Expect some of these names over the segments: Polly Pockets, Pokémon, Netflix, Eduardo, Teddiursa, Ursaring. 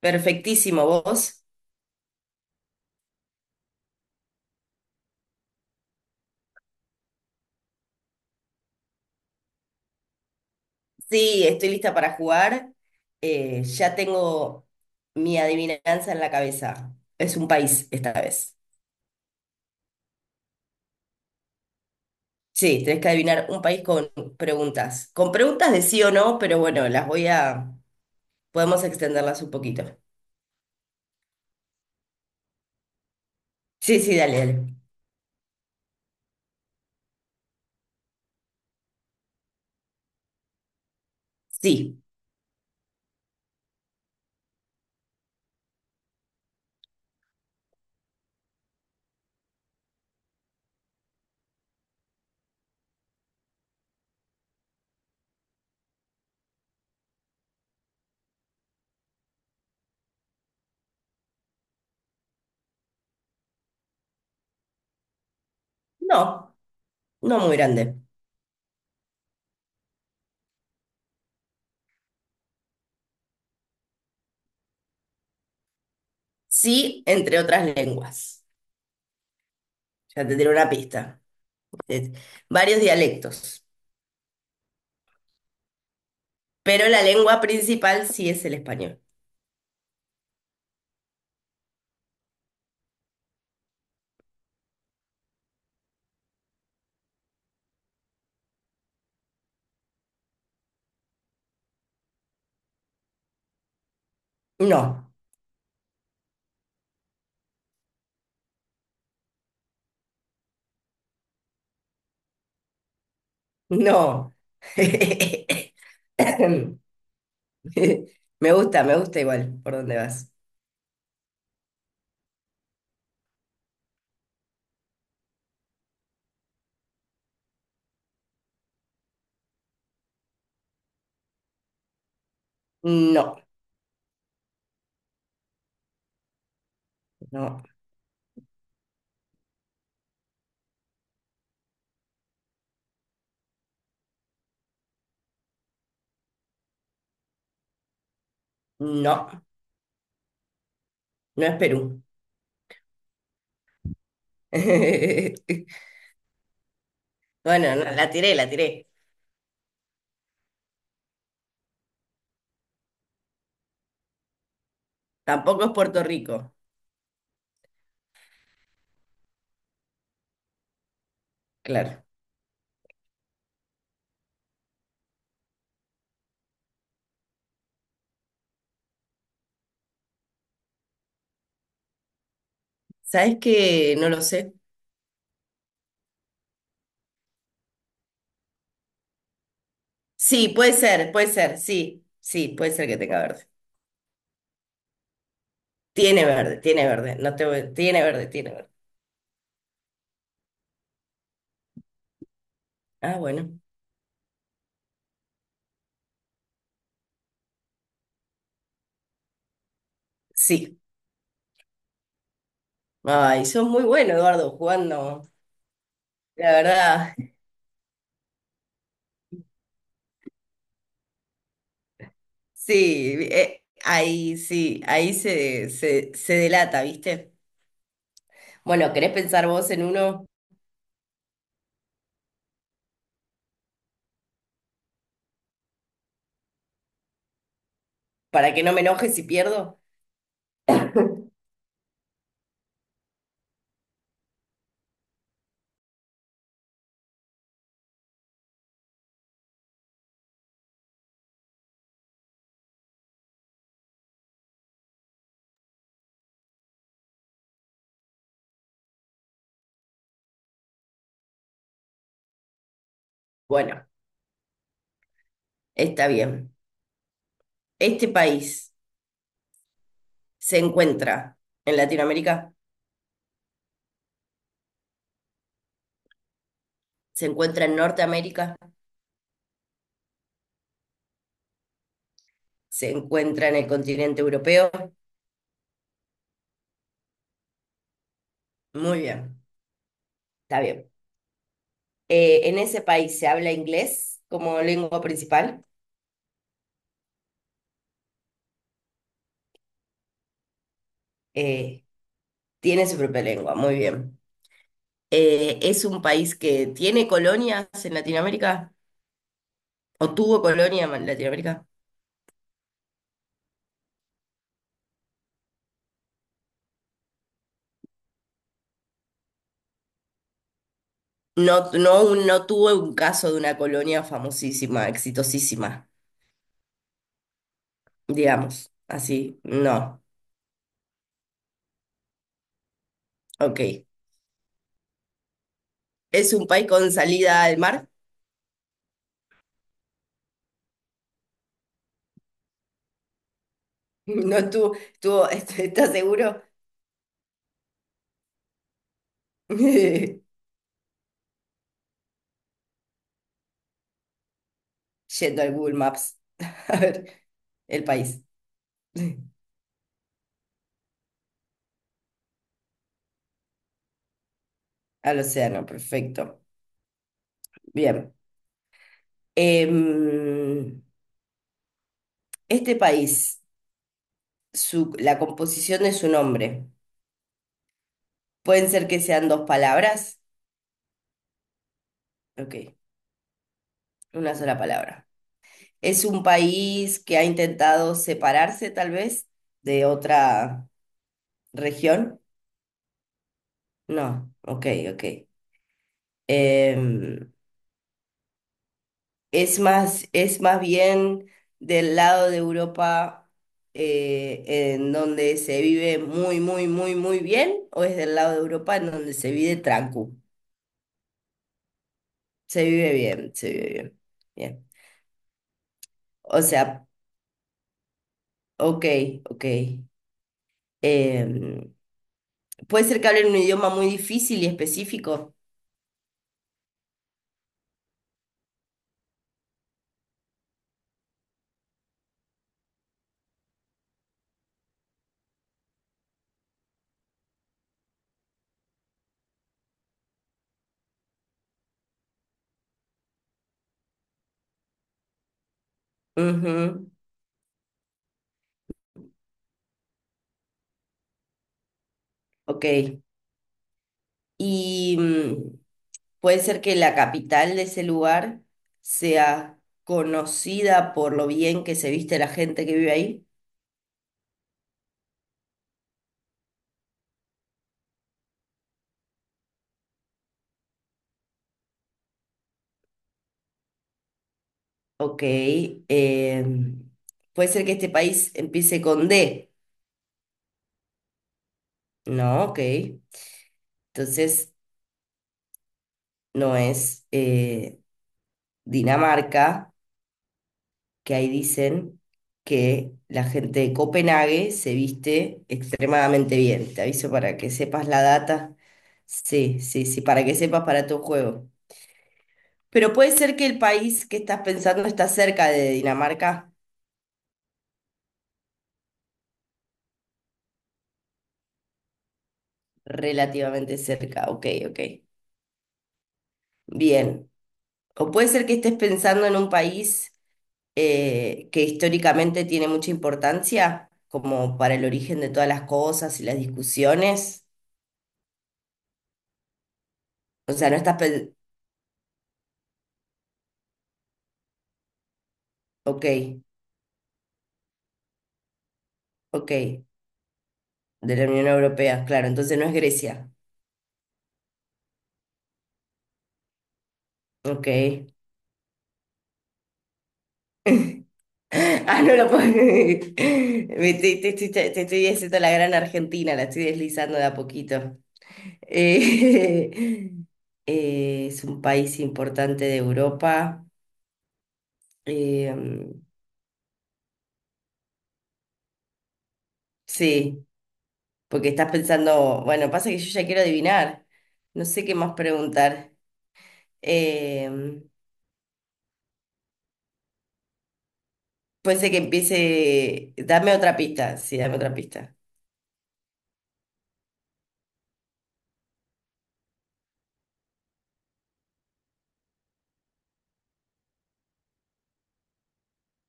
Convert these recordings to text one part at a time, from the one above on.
Perfectísimo, vos. Sí, estoy lista para jugar. Ya tengo mi adivinanza en la cabeza. Es un país esta vez. Sí, tenés que adivinar un país con preguntas. Con preguntas de sí o no, pero bueno, las voy a... Podemos extenderlas un poquito. Sí, sí, dale, dale. Sí. No, no muy grande. Sí, entre otras lenguas. Ya te diré una pista. Es varios dialectos. Pero la lengua principal sí es el español. No. No. Me gusta igual por dónde vas. No, no, no, no es Perú. Bueno, no, la tiré, la tiré. Tampoco es Puerto Rico, claro. ¿Sabes qué? No lo sé. Sí, puede ser, sí, sí, puede ser que tenga verde. Tiene verde, tiene verde, no te voy- tiene verde, tiene verde. Ah, bueno, sí. Ay, sos muy bueno, Eduardo, jugando. La verdad. Sí, ahí sí, ahí se delata, ¿viste? Bueno, ¿querés pensar vos en uno para que no me enoje si pierdo? Bueno, está bien. Este país se encuentra en Latinoamérica, se encuentra en Norteamérica, se encuentra en el continente europeo. Muy bien, está bien. En ese país se habla inglés como lengua principal. Eh, Tiene su propia lengua, muy bien. ¿Es un país que tiene colonias en Latinoamérica? ¿O tuvo colonia en Latinoamérica? No, no, no tuvo un caso de una colonia famosísima, exitosísima, digamos, así, no, ok. ¿Es un país con salida al mar? No tuvo, tuvo, ¿estás seguro? Yendo al Google Maps, a ver, el país, al océano, perfecto, bien. Em, este país su, la composición de su nombre. Pueden ser que sean dos palabras. Ok, una sola palabra. Es un país que ha intentado separarse tal vez de otra región. No, ok, ok. Em, es más, es más bien del lado de Europa eh, en donde se vive muy, muy, muy, muy bien, o es del lado de Europa en donde se vive tranquilo. Se vive bien, se vive bien. Bien. O sea, ok, ok. Em, Puede ser que hablen un idioma muy difícil y específico. Ujú, ok. Y puede ser que la capital de ese lugar sea conocida por lo bien que se viste la gente que vive ahí. Ok, em, puede ser que este país empiece con D. No, ok. Entonces no es Dinamarca. Que ahí dicen que la gente de Copenhague se viste extremadamente bien. Te aviso para que sepas la data. Sí, sí, sí, para que sepas para tu juego. Pero puede ser que el país que estás pensando está cerca de Dinamarca, relativamente cerca. Ok, ok. Bien. O puede ser que estés pensando en un país que históricamente tiene mucha importancia, como para el origen de todas las cosas y las discusiones. O sea, no estás pensando... Ok, ok, de la Unión Europea, claro, entonces no es Grecia. Ok. Ah, no lo puedo. Te, te estoy haciendo la gran Argentina, la estoy deslizando de a poquito. Eh, es un país importante de Europa. Eh, sí, porque estás pensando, bueno, pasa que yo ya quiero adivinar. No sé qué más preguntar. Eh, Puede ser que empiece. Dame otra pista, sí, dame otra pista.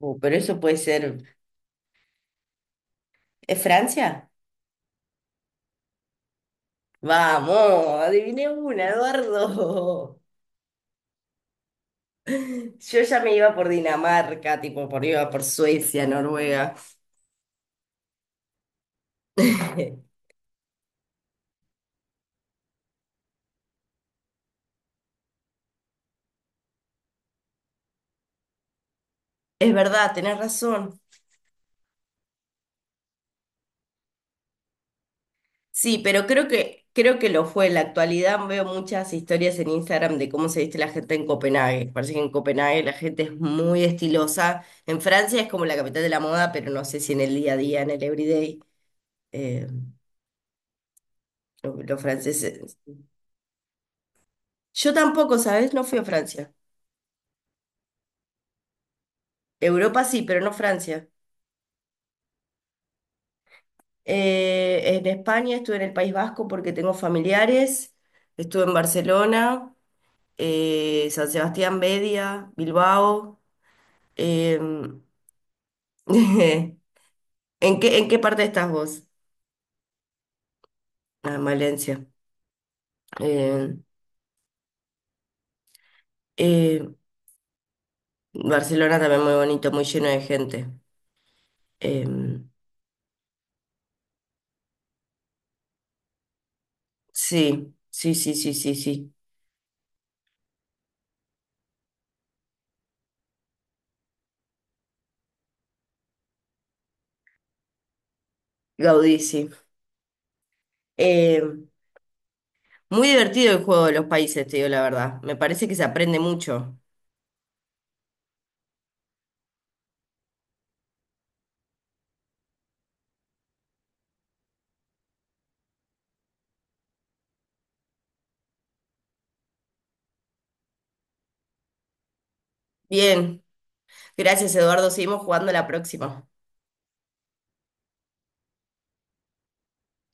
Pero eso puede ser. ¿Es Francia? Vamos, adiviné una, Eduardo. Yo ya me iba por Dinamarca, tipo, por iba por Suecia, Noruega. Es verdad, tenés razón. Sí, pero creo que lo fue. En la actualidad veo muchas historias en Instagram de cómo se viste la gente en Copenhague. Parece que en Copenhague la gente es muy estilosa. En Francia es como la capital de la moda, pero no sé si en el día a día, en el everyday, eh, los franceses. Yo tampoco, ¿sabes? No fui a Francia. Europa sí, pero no Francia. En España estuve en el País Vasco porque tengo familiares. Estuve en Barcelona, San Sebastián, Media, Bilbao. em, en qué parte estás vos? Ah, en Valencia. Eh, eh, Barcelona también muy bonito, muy lleno de gente. Em, sí, sí, sí, sí, sí, sí. Gaudí, sí. Em, Muy divertido el juego de los países, te digo la verdad. Me parece que se aprende mucho. Bien, gracias Eduardo. Seguimos jugando la próxima.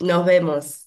Nos vemos.